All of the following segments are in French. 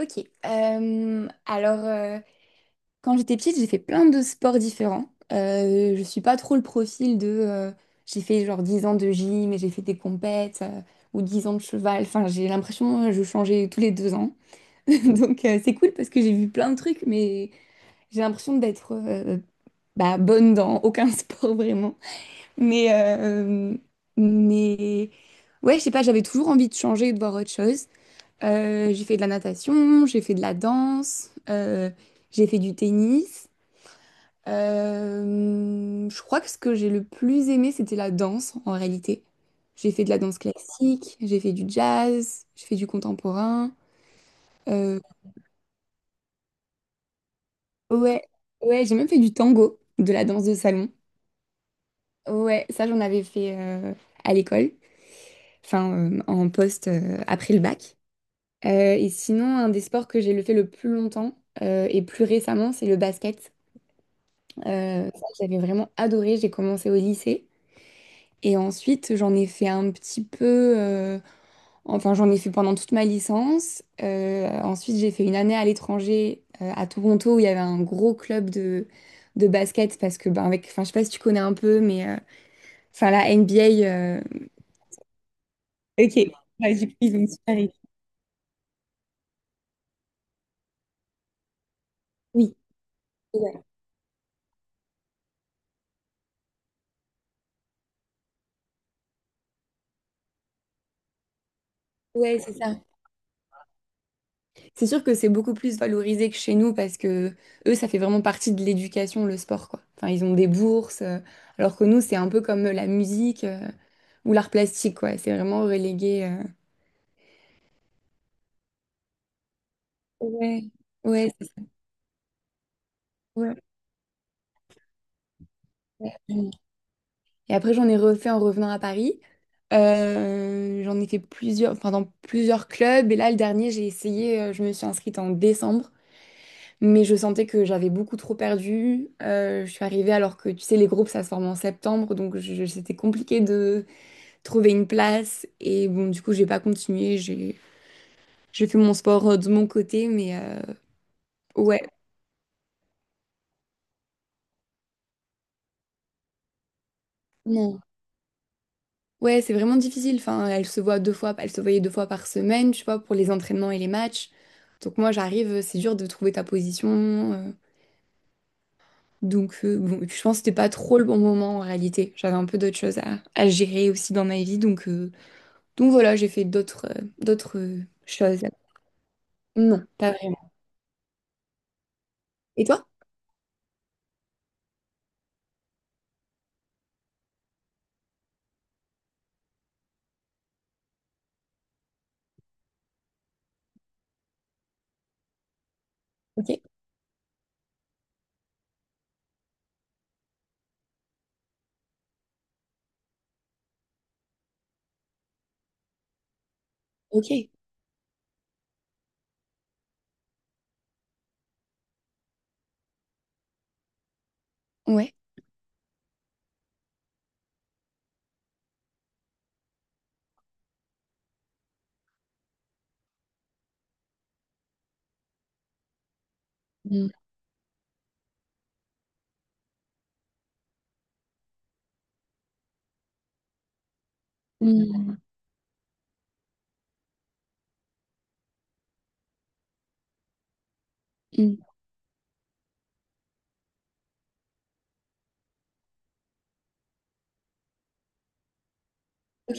Ok. Alors, quand j'étais petite, j'ai fait plein de sports différents. Je suis pas trop le profil de... j'ai fait genre 10 ans de gym et j'ai fait des compètes ou 10 ans de cheval. Enfin, j'ai l'impression que je changeais tous les 2 ans. Donc, c'est cool parce que j'ai vu plein de trucs, mais j'ai l'impression d'être bah, bonne dans aucun sport vraiment. Mais, euh, mais ouais, je sais pas, j'avais toujours envie de changer et de voir autre chose. J'ai fait de la natation, j'ai fait de la danse, j'ai fait du tennis. Je crois que ce que j'ai le plus aimé, c'était la danse en réalité. J'ai fait de la danse classique, j'ai fait du jazz, j'ai fait du contemporain. Euh, ouais, ouais, j'ai même fait du tango, de la danse de salon. Ouais, ça j'en avais fait à l'école, enfin en poste après le bac. Et sinon, un des sports que j'ai le fait le plus longtemps et plus récemment, c'est le basket. Ça, j'avais vraiment adoré. J'ai commencé au lycée. Et ensuite, j'en ai fait un petit peu... Enfin, j'en ai fait pendant toute ma licence. Ensuite, j'ai fait une année à l'étranger, à Toronto, où il y avait un gros club de basket. Parce que, ben, avec, enfin, je sais pas si tu connais un peu, mais enfin, la NBA. Ok, ouais, du coup, ils ont une super équipe. Oui, ouais, ouais, c'est ça. C'est sûr que c'est beaucoup plus valorisé que chez nous parce que eux, ça fait vraiment partie de l'éducation, le sport, quoi. Enfin, ils ont des bourses, alors que nous, c'est un peu comme la musique, ou l'art plastique, quoi. C'est vraiment relégué. Ouais, ouais, ouais. Et après, j'en ai refait en revenant à Paris. J'en ai fait plusieurs, enfin, dans plusieurs clubs. Et là, le dernier, j'ai essayé, je me suis inscrite en décembre, mais je sentais que j'avais beaucoup trop perdu. Je suis arrivée alors que, tu sais, les groupes, ça se forme en septembre, donc c'était compliqué de trouver une place. Et bon, du coup, j'ai pas continué. J'ai fait mon sport de mon côté, mais ouais, non. Ouais, c'est vraiment difficile. Enfin, elle se voyait deux fois par semaine, tu vois, pour les entraînements et les matchs. Donc moi, j'arrive, c'est dur de trouver ta position. Donc bon, et puis je pense que c'était pas trop le bon moment en réalité. J'avais un peu d'autres choses à gérer aussi dans ma vie, donc voilà, j'ai fait d'autres choses. Non, pas vraiment. Et toi? Ok, ok, ouais. Mm. Mm. Mm. Ok.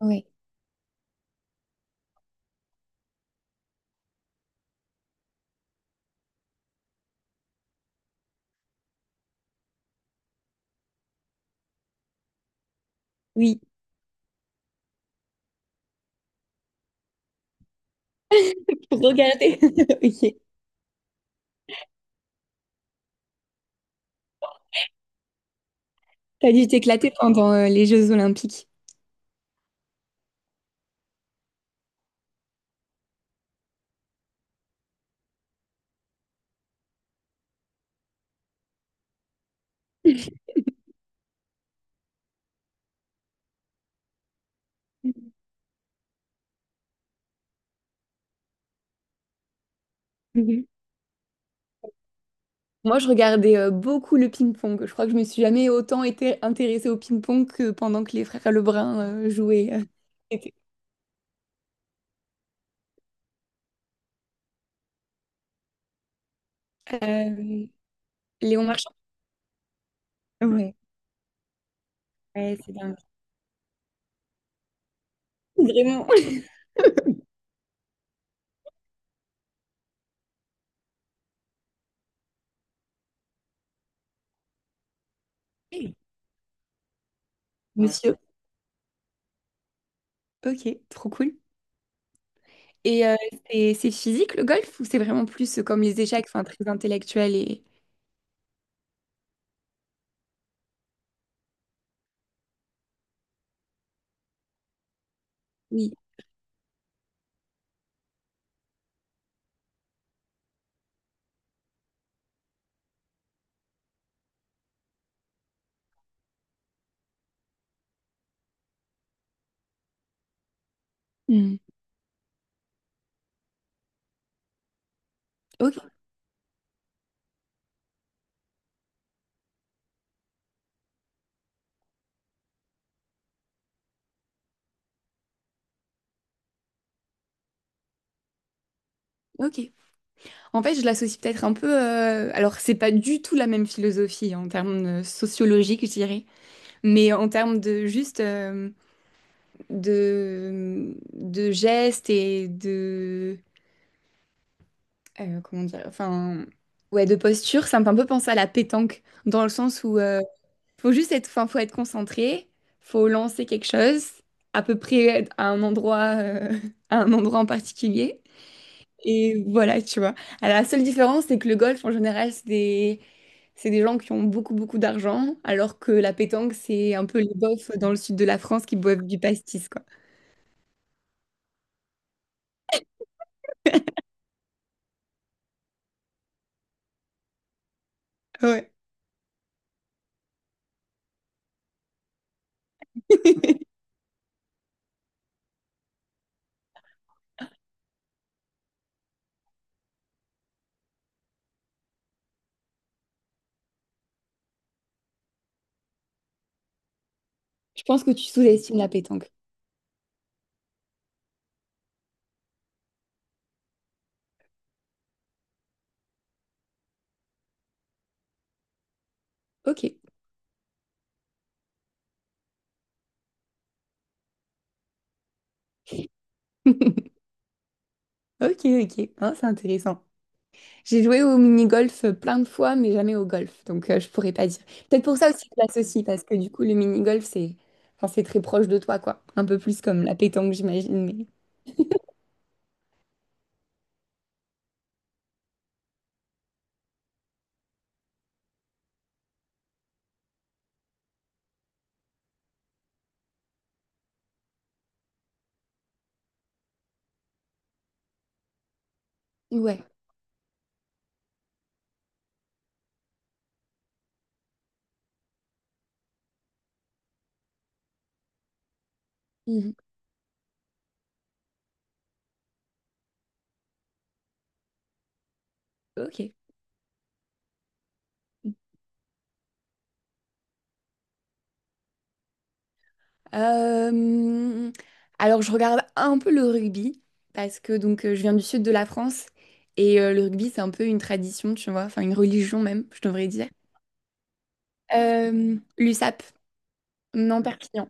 Oui, oui, pour regarder. Ok. T'as dû t'éclater pendant les Jeux Olympiques. Mhm. Moi, je regardais beaucoup le ping-pong. Je crois que je me suis jamais autant été intéressée au ping-pong que pendant que les frères Lebrun jouaient. L'été. Euh, Léon Marchand. Ouais, ouais, c'est dingue. Vraiment. Monsieur. Ok, trop cool. Et c'est physique le golf ou c'est vraiment plus comme les échecs, enfin très intellectuel et... Oui. Hmm. Ok, ok. En fait, je l'associe peut-être un peu. Alors, c'est pas du tout la même philosophie en termes sociologiques, je dirais, mais en termes de juste de gestes et de comment dire, enfin ouais, de posture. Ça me fait un peu penser à la pétanque dans le sens où faut juste être, enfin, faut être concentré, faut lancer quelque chose à peu près à un endroit, à un endroit en particulier. Et voilà, tu vois. Alors, la seule différence, c'est que le golf, en général, c'est des gens qui ont beaucoup, beaucoup d'argent, alors que la pétanque, c'est un peu les bofs dans le sud de la France qui boivent du pastis, quoi. Ouais. Je pense que tu sous-estimes la pétanque. Ok. Ok, ok. Hein, c'est intéressant. J'ai joué au mini-golf plein de fois, mais jamais au golf, donc je pourrais pas dire. Peut-être pour ça aussi que je l'associe, parce que du coup, le mini-golf, c'est enfin, c'est très proche de toi, quoi. Un peu plus comme la pétanque, j'imagine, mais... Ouais. Mhm. Ok. Euh, alors, je regarde un peu le rugby parce que je viens du sud de la France et le rugby c'est un peu une tradition, tu vois, enfin une religion même, je devrais dire. L'USAP, non, Perpignan.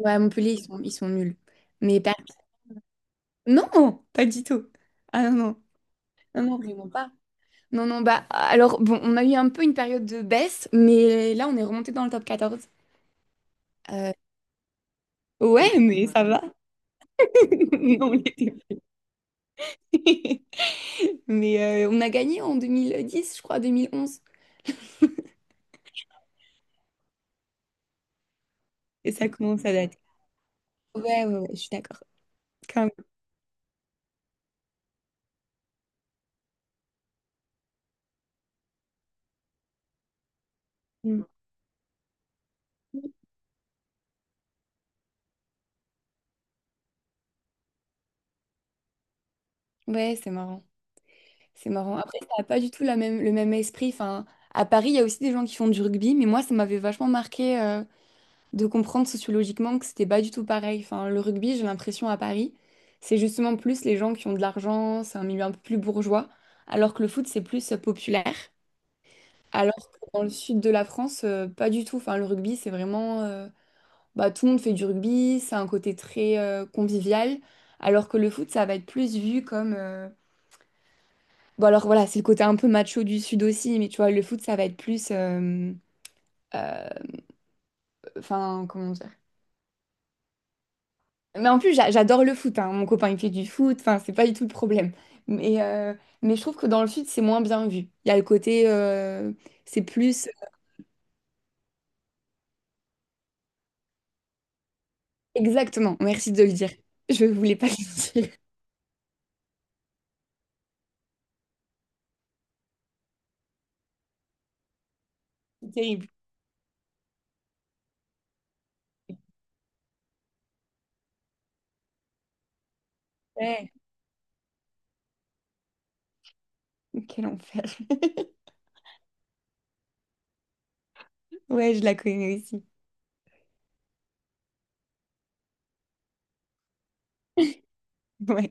Ouais, à Montpellier, ils sont nuls. Mais Perpignan, non, pas du tout. Ah non, non, non, non, vraiment pas. Non, non, bah alors bon, on a eu un peu une période de baisse, mais là on est remonté dans le top 14. Euh, ouais, mais ça va. Non, on l'était pas. Mais on a gagné en 2010 je crois, 2011. Et ça commence à dater. Ouais, ouais, ouais, je suis d'accord. Quand même. Mm. Ouais, c'est marrant. C'est marrant. Après, ça n'a pas du tout la même, le même esprit. Enfin, à Paris, il y a aussi des gens qui font du rugby, mais moi, ça m'avait vachement marqué de comprendre sociologiquement que c'était pas du tout pareil. Enfin, le rugby, j'ai l'impression à Paris, c'est justement plus les gens qui ont de l'argent, c'est un milieu un peu plus bourgeois, alors que le foot, c'est plus populaire. Alors que dans le sud de la France, pas du tout. Enfin, le rugby, c'est vraiment. Bah, tout le monde fait du rugby, c'est un côté très convivial, alors que le foot, ça va être plus vu comme... Bon, alors voilà, c'est le côté un peu macho du Sud aussi, mais tu vois, le foot, ça va être plus... euh, Enfin, comment dire? Mais en plus, j'adore le foot, hein. Mon copain, il fait du foot, enfin, c'est pas du tout le problème. Mais, euh, mais je trouve que dans le Sud, c'est moins bien vu. Il y a le côté... C'est plus... Exactement, merci de le dire. Je voulais pas le dire. C'est terrible. Ouais, quel enfer. Ouais, je la connais aussi. Ouais.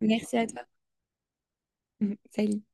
Merci à toi. Salut.